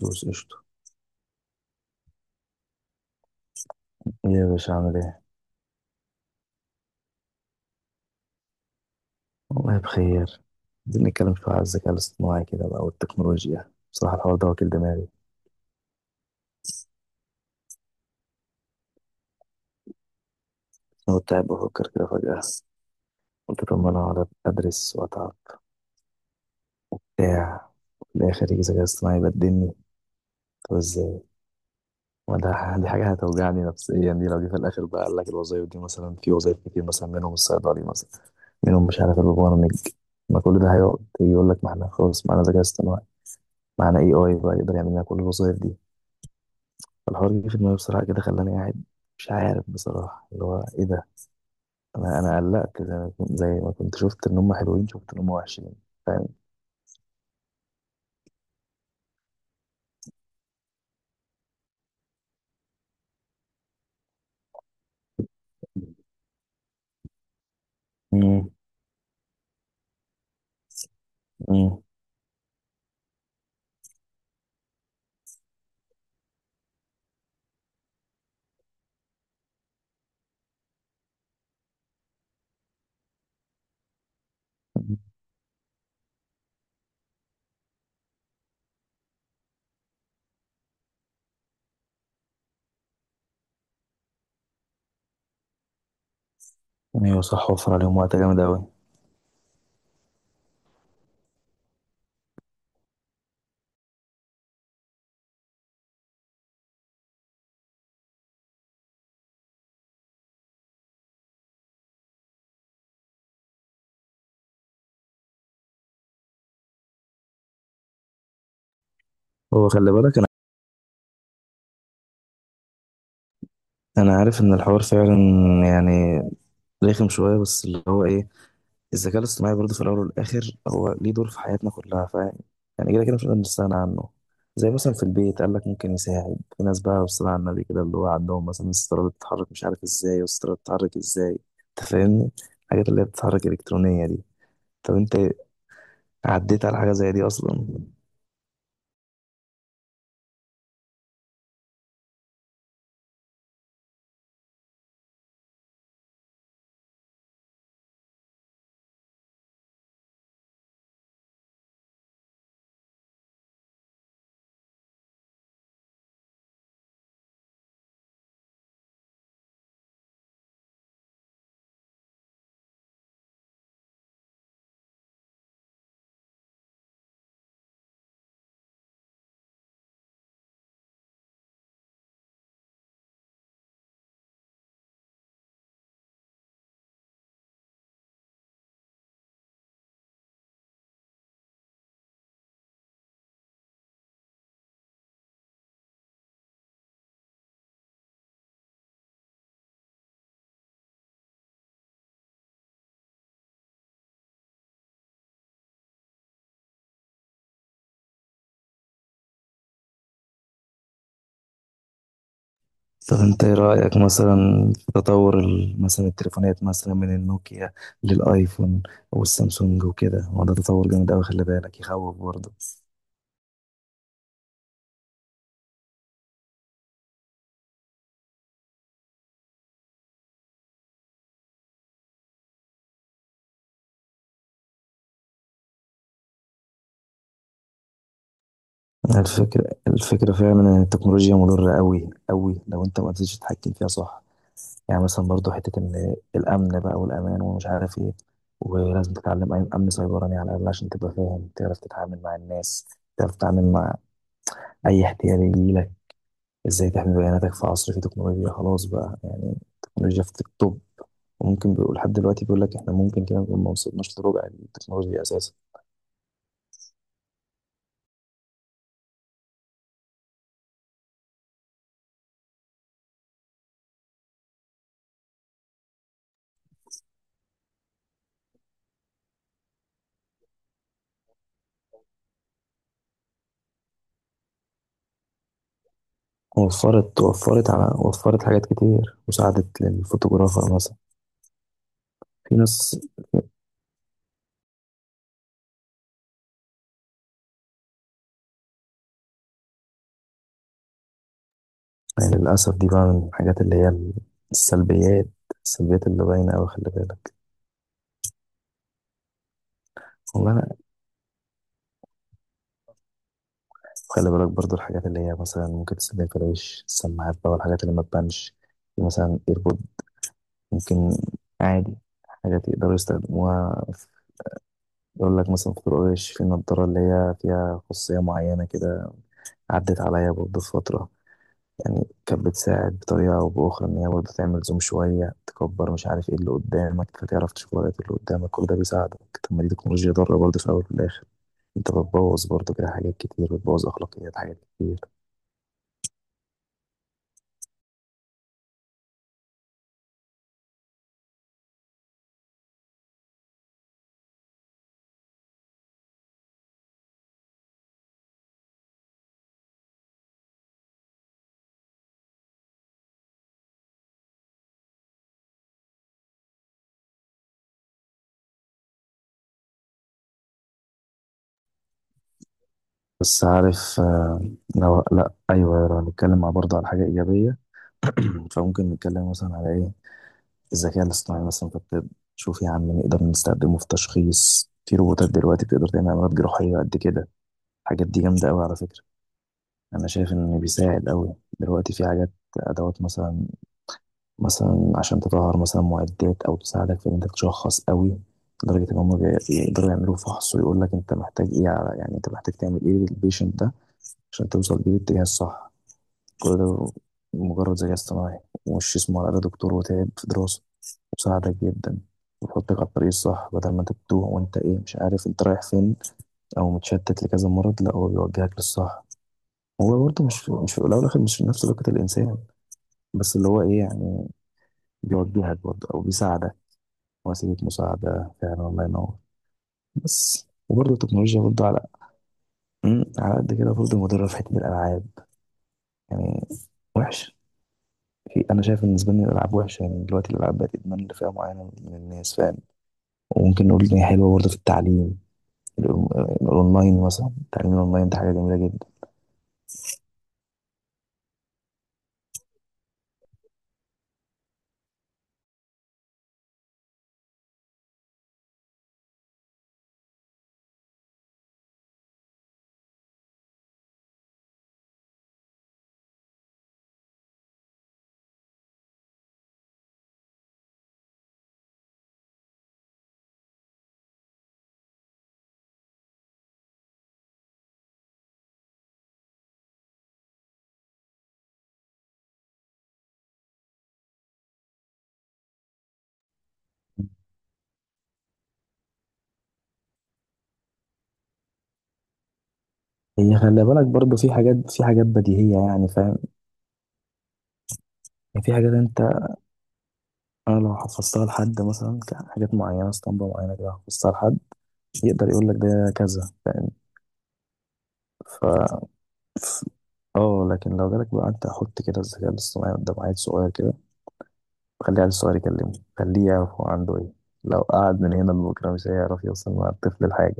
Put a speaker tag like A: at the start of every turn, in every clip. A: دوس قشطة. إيه يا باشا عامل ايه؟ والله بخير. عايزين نتكلم شوية على الذكاء الاصطناعي كده بقى والتكنولوجيا، بصراحة الحوار ده واكل دماغي. أنا كنت قاعد بفكر كده فجأة، قلت طب ما أنا أقعد أدرس وأتعب بتاع، في الآخر يجي ذكاء اصطناعي يبدلني. طب إزاي؟ ما ده دي حاجة هتوجعني نفسيا، دي لو جه في الآخر بقى قال لك الوظايف دي مثلا، في وظايف كتير مثلا منهم الصيدلي مثلا، منهم مش عارف البرامج، ما كل ده هيقعد يجي يقول لك ما احنا خلاص معانا ذكاء اصطناعي، معانا اي اي بقى يقدر يعمل لنا كل الوظايف دي. فالحوار جه في دماغي بصراحة كده خلاني قاعد مش عارف بصراحة اللي هو إيه ده. أنا قلقت، زي ما كنت شفت إن هم حلوين، شفت إن هم وحشين، فاهم. امم. امم. أيوة صح، وفر عليهم وقت جامد أوي. هو خلي بالك، أنا عارف إن الحوار فعلا يعني رخم شوية، بس اللي هو إيه، الذكاء الاصطناعي برضه في الاول والاخر هو ليه دور في حياتنا كلها، يعني كده كده مش هنقدر نستغنى عنه. زي مثلا في البيت قال لك ممكن يساعد في ناس بقى والصلاة على النبي، كده اللي هو عندهم مثلا الستارة اللي بتتحرك مش عارف ازاي، والستارة بتتحرك ازاي، انت فاهمني، الحاجات اللي هي بتتحرك الكترونية دي. طب انت عديت على حاجة زي دي اصلا؟ طب انت ايه رأيك مثلا في تطور مثلا التليفونات، مثلا من النوكيا للايفون والسامسونج وكده؟ هو ده تطور جامد قوي، خلي بالك يخوف برضه. الفكرة فعلا إن التكنولوجيا مضرة أوي أوي لو أنت ما قدرتش تتحكم فيها، صح؟ يعني مثلا برضو حتة إن الأمن بقى والأمان ومش عارف إيه، ولازم تتعلم أمن سيبراني على الأقل عشان تبقى فاهم، تعرف تتعامل مع الناس، تعرف تتعامل مع أي احتيال يجيلك، إزاي تحمي بياناتك في عصر فيه تكنولوجيا. خلاص بقى يعني التكنولوجيا في التوب، وممكن بيقول لحد دلوقتي بيقول لك إحنا ممكن كده نكون ما وصلناش لربع التكنولوجيا أساسا. وفرت حاجات كتير مساعدة للفوتوغرافر مثلا. في ناس. يعني للأسف دي بقى من الحاجات اللي هي السلبيات السلبيات اللي باينة أوي، خلي بالك. والله لا. خلي بالك برضو الحاجات اللي هي مثلا ممكن تستخدم في العيش، السماعات بقى والحاجات اللي ما تبانش، في مثلا ايربود، ممكن عادي، حاجات يقدروا يستخدموها يقول لك مثلا في طرق العيش في نضارة اللي هي فيها خصوصية معينة كده، عدت عليا برضو في فترة، يعني كانت بتساعد بطريقة أو بأخرى إن هي برضه تعمل زوم شوية، تكبر مش عارف إيه اللي قدامك، فتعرف تشوف ورقة اللي قدامك، كل ده بيساعدك. طب ما دي تكنولوجيا ضارة برضه في الأول وفي الآخر، أنت بتبوظ برضه كده حاجات كتير، بتبوظ أخلاقيات حاجات كتير. بس عارف، لو، لأ، أيوه، لو هنتكلم مع برضه على حاجة إيجابية. فممكن نتكلم مثلا على إيه؟ الذكاء الاصطناعي مثلا في الطب، شوف يا عم نقدر نستخدمه في تشخيص، في روبوتات دلوقتي بتقدر تعمل عمليات جراحية قد كده، الحاجات دي جامدة أوي على فكرة. انا شايف انه بيساعد قوي دلوقتي في حاجات، ادوات مثلا عشان تطهر مثلا معدات او تساعدك في ان انت تشخص قوي، لدرجه ان هم بيقدروا يعملوا فحص ويقول لك انت محتاج ايه، على يعني انت محتاج تعمل ايه للبيشنت ده عشان توصل بيه للاتجاه الصح. كل ده مجرد ذكاء اصطناعي، ومش اسمه على الأقل دكتور وتعب في دراسه، وساعدك جدا، ويحطك على الطريق الصح بدل ما انت بتوه وانت ايه مش عارف انت رايح فين، او متشتت لكذا مرض، لا هو بيوجهك للصح. هو برضه مش في الأول والآخر مش في نفس لياقة الإنسان، بس اللي هو إيه يعني بيوجهك برضه أو بيساعدك. وسيلة مساعدة فعلا، الله ينور. بس وبرضه التكنولوجيا برضه على على قد كده برضه مضرة في حتة الألعاب يعني، وحش. أنا شايف بالنسبة لي الألعاب وحشة، يعني دلوقتي الألعاب بقت إدمان لفئة معينة من الناس، فاهم. وممكن نقول إن هي حلوة برضه في التعليم، الأون- الأونلاين مثلا، التعليم الأونلاين ده حاجة جميلة جدا. هي خلي بالك برضه في حاجات بديهية يعني، فاهم يعني، في حاجات انا لو حفظتها لحد مثلا، كان حاجات معينه اسطمبه معينه كده، حفظتها لحد يقدر يقول لك ده كذا، فاهم. ف ف- اه لكن لو جالك بقى انت حط كده الذكاء الاصطناعي قدام عيل صغير كده، خلي العيل الصغير يكلمه، خليه يعرف هو عنده ايه، لو قعد من هنا لبكره مش هيعرف يوصل مع الطفل لحاجه.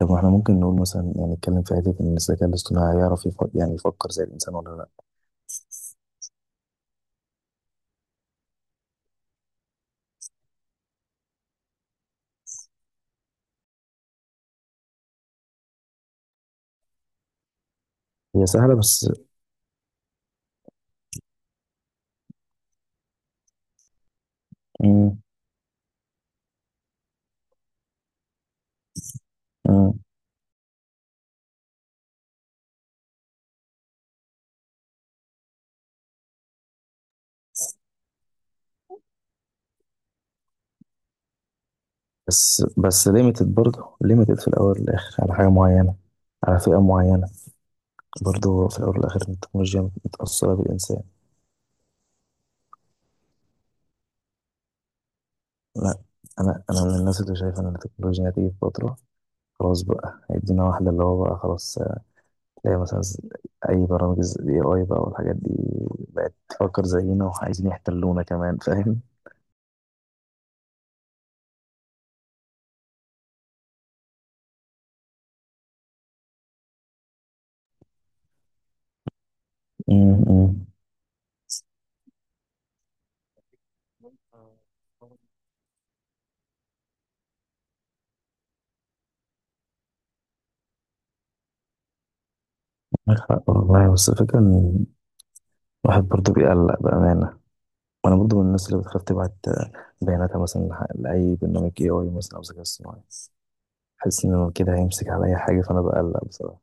A: طب احنا ممكن نقول مثلا يعني نتكلم في حته ان الذكاء الاصطناعي يعرف يفكر، يعني يفكر زي الانسان ولا لا؟ هي سهله بس. مم. مم. بس ليميتد برضه ليميتد في الاول والاخر على حاجه معينه، على فئه معينه، برضه في الاول والاخر التكنولوجيا متاثره بالانسان. لا، انا من الناس اللي شايفه ان التكنولوجيا هتيجي في فتره، خلاص بقى هيدينا واحده اللي هو بقى خلاص، زي مثلا اي برامج الاي اي بقى والحاجات دي، بقت تفكر زينا وعايزين يحتلونا كمان، فاهم. امم. معاك حق والله، بس الفكره ان الواحد برضه بيقلق بأمانة، وانا برضو من الناس اللي بتخاف تبعت بياناتها مثلا لاي برنامج اي اي مثلا او ذكاء اصطناعي، حاسس ان هو كده هيمسك على اي حاجه، فانا بقلق بصراحه.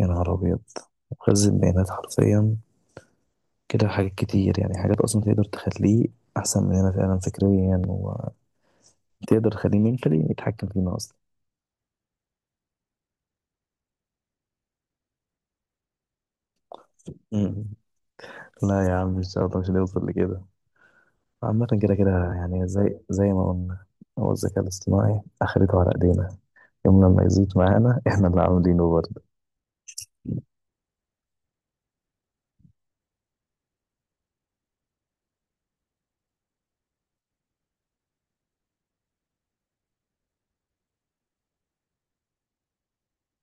A: يا نهار ابيض، مخزن بيانات حرفيا، كده حاجات كتير يعني، حاجات اصلا تقدر تخليه احسن مننا فعلا فكريا، وتقدر تخليه منتلي يتحكم فينا اصلا. مم. لا يا عم ان شاء الله مش هنوصل لكده، عامة كده كده يعني زي ما قلنا، هو الذكاء الاصطناعي اخرته على ايدينا، يوم لما يزيد معانا احنا اللي عاملينه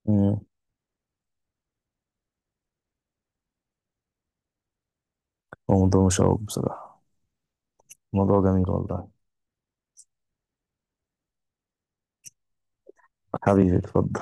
A: برضه. هو موضوع مشوق بصراحة، موضوع جميل والله. حبيبي اتفضل.